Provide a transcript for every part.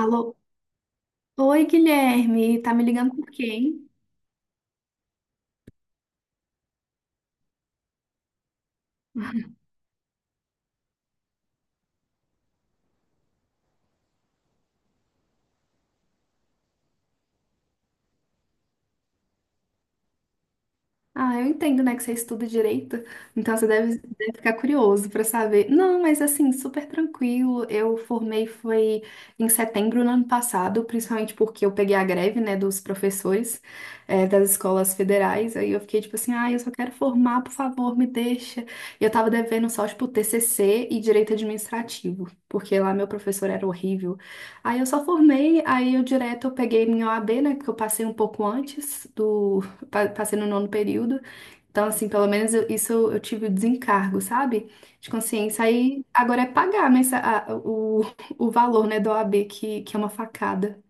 Alô? Oi, Guilherme. Tá me ligando por quê, hein? Ah, eu entendo, né, que você estuda direito, então você deve ficar curioso para saber. Não, mas assim, super tranquilo. Eu formei foi em setembro do ano passado, principalmente porque eu peguei a greve, né, dos professores, das escolas federais. Aí eu fiquei tipo assim, ah, eu só quero formar, por favor, me deixa. E eu tava devendo só, tipo, TCC e direito administrativo, porque lá meu professor era horrível. Aí eu só formei, aí eu direto eu peguei minha OAB, né, porque eu passei um pouco antes passei no nono período. Então, assim, pelo menos isso eu tive o desencargo, sabe? De consciência. Aí agora é pagar, mas o valor, né, da OAB, que é uma facada.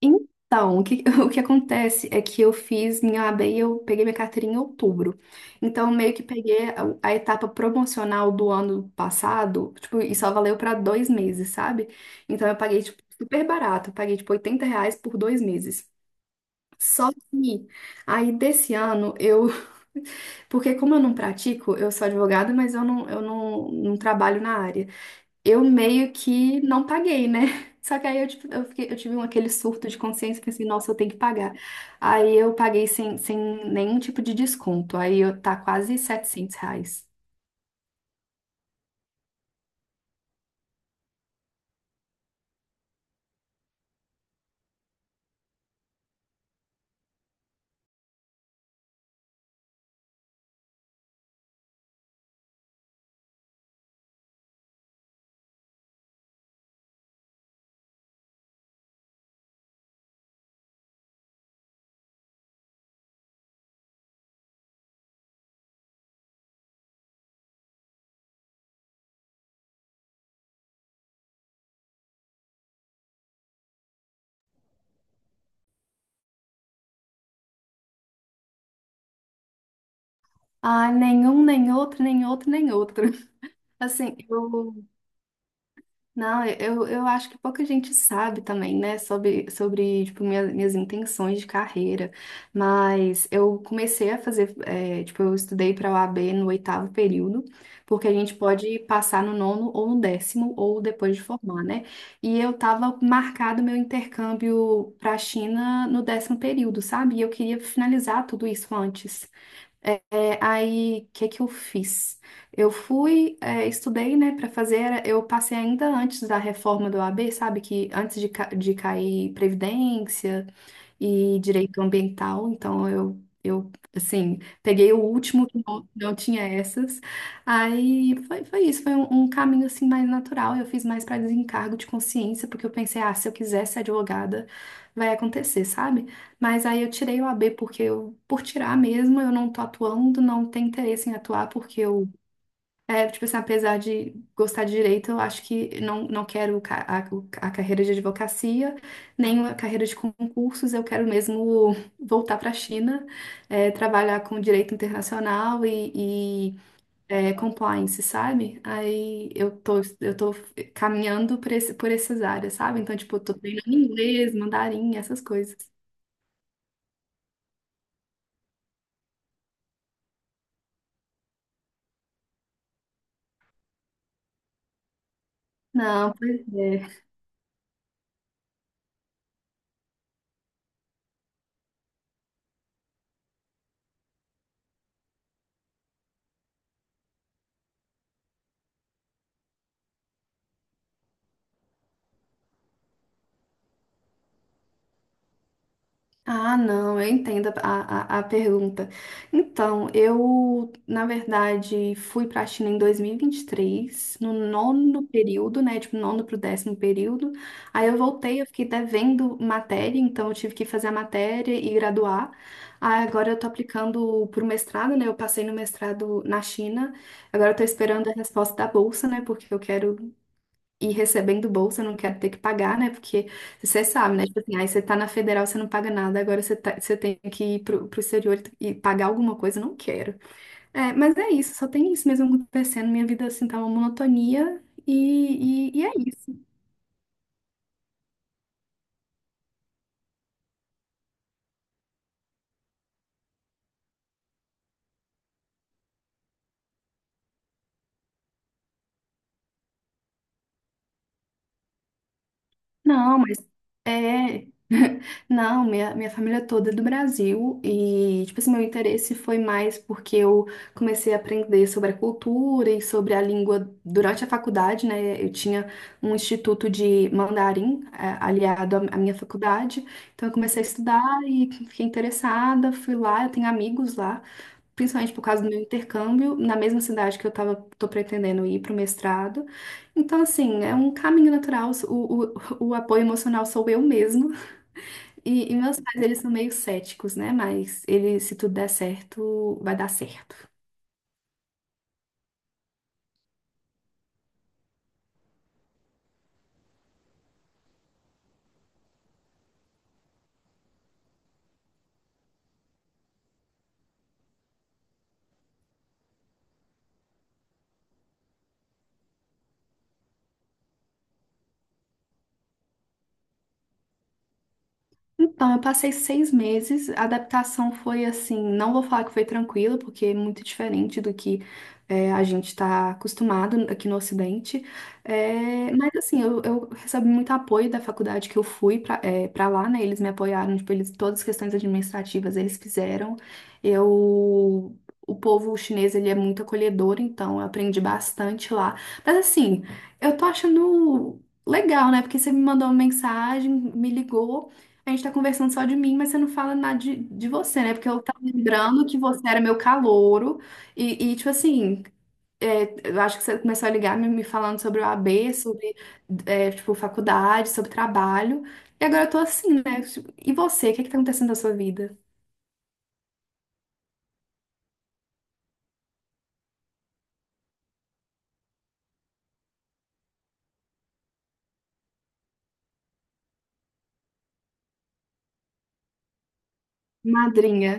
Então, o que acontece é que eu fiz minha OAB e eu peguei minha carteirinha em outubro. Então, meio que peguei a etapa promocional do ano passado, tipo, e só valeu para 2 meses, sabe? Então, eu paguei, tipo, super barato. Eu paguei, tipo, R$ 80 por 2 meses. Só que aí desse ano eu. Porque como eu não pratico, eu sou advogada, mas eu não trabalho na área. Eu meio que não paguei, né? Só que aí tipo, eu tive aquele surto de consciência, pensei, nossa, eu tenho que pagar. Aí eu paguei sem nenhum tipo de desconto. Aí eu, tá quase R$ 700. Ah, nenhum, nem outro, nem outro, nem outro. Assim, eu não, eu acho que pouca gente sabe também, né, sobre tipo, minhas intenções de carreira. Mas eu comecei a fazer, tipo, eu estudei para a OAB no oitavo período, porque a gente pode passar no nono ou no décimo, ou depois de formar, né? E eu tava marcado meu intercâmbio para a China no décimo período, sabe? E eu queria finalizar tudo isso antes. Aí, o que que eu fiz? Eu fui, estudei, né, para fazer, eu passei ainda antes da reforma do OAB, sabe, que antes de cair Previdência, e direito ambiental, então eu assim, peguei o último que não tinha essas. Aí foi isso, foi um caminho assim mais natural. Eu fiz mais para desencargo de consciência, porque eu pensei, ah, se eu quiser ser advogada, vai acontecer, sabe? Mas aí eu tirei o AB porque eu, por tirar mesmo, eu não tô atuando, não tenho interesse em atuar porque tipo assim, apesar de gostar de direito, eu acho que não quero a carreira de advocacia, nem a carreira de concursos, eu quero mesmo voltar para a China, é, trabalhar com direito internacional e compliance, sabe? Aí eu tô caminhando por essas áreas, sabe? Então, tipo, eu tô treinando inglês, mandarim, essas coisas. Não, pois é. Ah, não, eu entendo a pergunta. Então, eu, na verdade, fui para a China em 2023, no nono período, né? Tipo, nono para o décimo período. Aí eu voltei, eu fiquei devendo matéria, então eu tive que fazer a matéria e graduar. Aí agora eu tô aplicando para o mestrado, né? Eu passei no mestrado na China. Agora eu tô esperando a resposta da bolsa, né? Porque eu quero e recebendo bolsa, eu não quero ter que pagar, né? Porque você sabe, né? Tipo assim, aí você tá na federal, você não paga nada, agora você tem que ir pro, exterior e pagar alguma coisa, eu não quero. É, mas é isso, só tem isso mesmo acontecendo. Minha vida, assim, tá uma monotonia e é isso. Não, mas é. Não, minha família toda é do Brasil e, tipo assim, meu interesse foi mais porque eu comecei a aprender sobre a cultura e sobre a língua durante a faculdade, né? Eu tinha um instituto de mandarim, aliado à minha faculdade, então eu comecei a estudar e fiquei interessada, fui lá, eu tenho amigos lá principalmente por causa do meu intercâmbio, na mesma cidade que eu tava, tô pretendendo ir para o mestrado. Então, assim, é um caminho natural, o apoio emocional sou eu mesma. E meus pais, eles são meio céticos, né? Mas ele, se tudo der certo, vai dar certo. Então, eu passei 6 meses. A adaptação foi assim, não vou falar que foi tranquila, porque é muito diferente do que a gente está acostumado aqui no Ocidente. É, mas assim, eu recebi muito apoio da faculdade que eu fui para lá, né? Eles me apoiaram, tipo, todas as questões administrativas eles fizeram. Eu O povo chinês, ele é muito acolhedor, então eu aprendi bastante lá. Mas assim, eu tô achando legal, né? Porque você me mandou uma mensagem, me ligou, a gente tá conversando só de mim, mas você não fala nada de você, né? Porque eu tava lembrando que você era meu calouro e, tipo assim, eu acho que você começou a ligar me falando sobre o AB, sobre, tipo, faculdade, sobre trabalho. E agora eu tô assim, né? Tipo, e você, o que é que tá acontecendo na sua vida? Madrinha.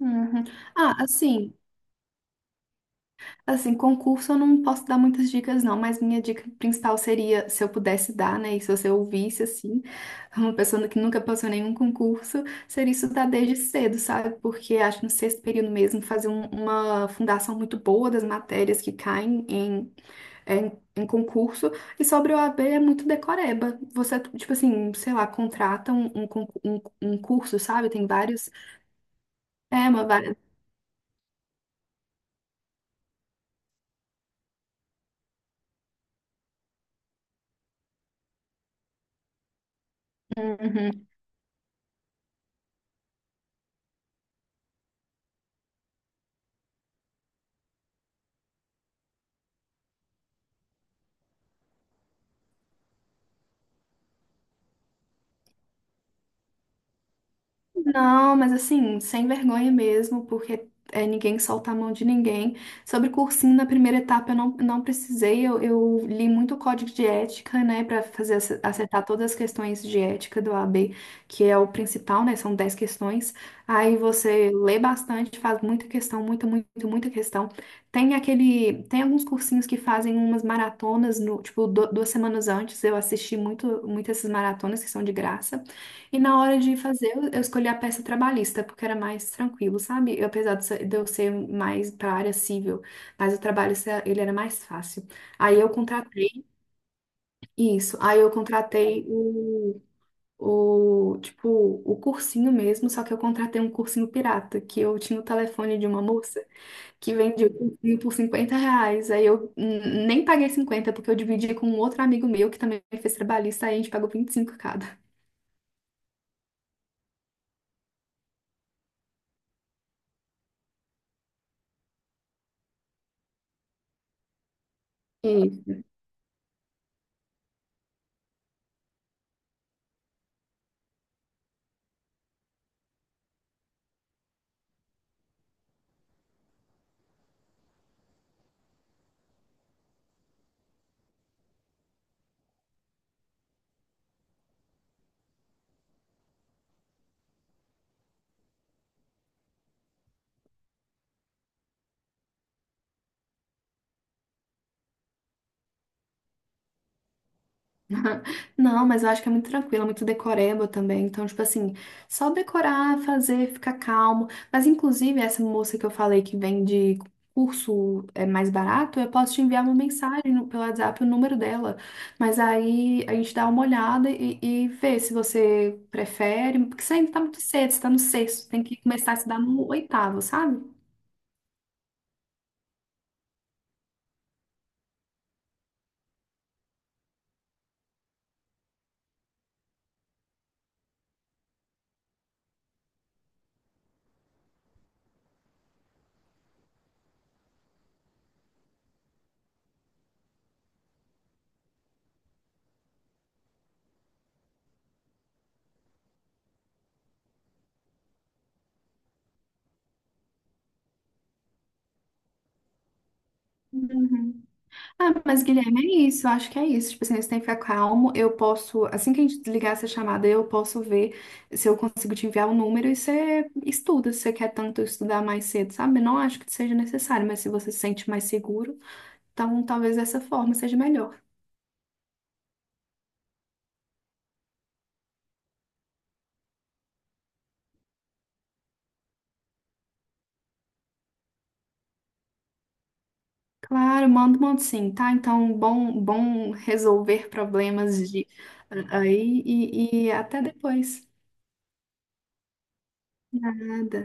Uhum. Ah, assim, concurso eu não posso dar muitas dicas, não, mas minha dica principal seria, se eu pudesse dar, né, e se você ouvisse, assim, uma pessoa que nunca passou nenhum concurso, seria estudar desde cedo, sabe? Porque acho que no sexto período mesmo, fazer uma fundação muito boa das matérias que caem em concurso, e sobre o OAB é muito decoreba. Você, tipo assim, sei lá, contrata um curso, sabe? Tem vários. É. Uhum. Não, mas assim, sem vergonha mesmo, porque ninguém solta a mão de ninguém. Sobre cursinho, na primeira etapa eu não precisei, eu li muito o código de ética, né, para fazer acertar todas as questões de ética do AB, que é o principal, né, são 10 questões. Aí você lê bastante, faz muita questão, muita, muito, muita questão. Tem alguns cursinhos que fazem umas maratonas, no, tipo, 2 semanas antes, eu assisti muito, muito essas maratonas que são de graça. E na hora de fazer, eu escolhi a peça trabalhista, porque era mais tranquilo, sabe? Eu, apesar de eu ser mais para área civil, mas o trabalhista, ele era mais fácil. Aí eu contratei isso, aí eu contratei o, tipo, o cursinho mesmo, só que eu contratei um cursinho pirata, que eu tinha o telefone de uma moça que vendia o cursinho por R$ 50, aí eu nem paguei 50 porque eu dividi com um outro amigo meu, que também fez trabalhista, aí a gente pagou 25 cada. Não, mas eu acho que é muito tranquilo, é muito decoreba também. Então, tipo assim, só decorar, fazer, ficar calmo. Mas, inclusive, essa moça que eu falei que vende curso é mais barato, eu posso te enviar uma mensagem pelo WhatsApp, o número dela. Mas aí a gente dá uma olhada e vê se você prefere. Porque você ainda tá muito cedo, você tá no sexto, tem que começar a estudar no oitavo, sabe? Uhum. Ah, mas Guilherme, é isso, eu acho que é isso. Tipo assim, você tem que ficar calmo. Eu posso, assim que a gente desligar essa chamada, eu posso ver se eu consigo te enviar o número e você estuda, se você quer tanto estudar mais cedo, sabe? Não acho que seja necessário, mas se você se sente mais seguro, então talvez dessa forma seja melhor. Claro, mando, mando sim, tá? Então, bom, bom resolver problemas de ah, aí e até depois. Nada.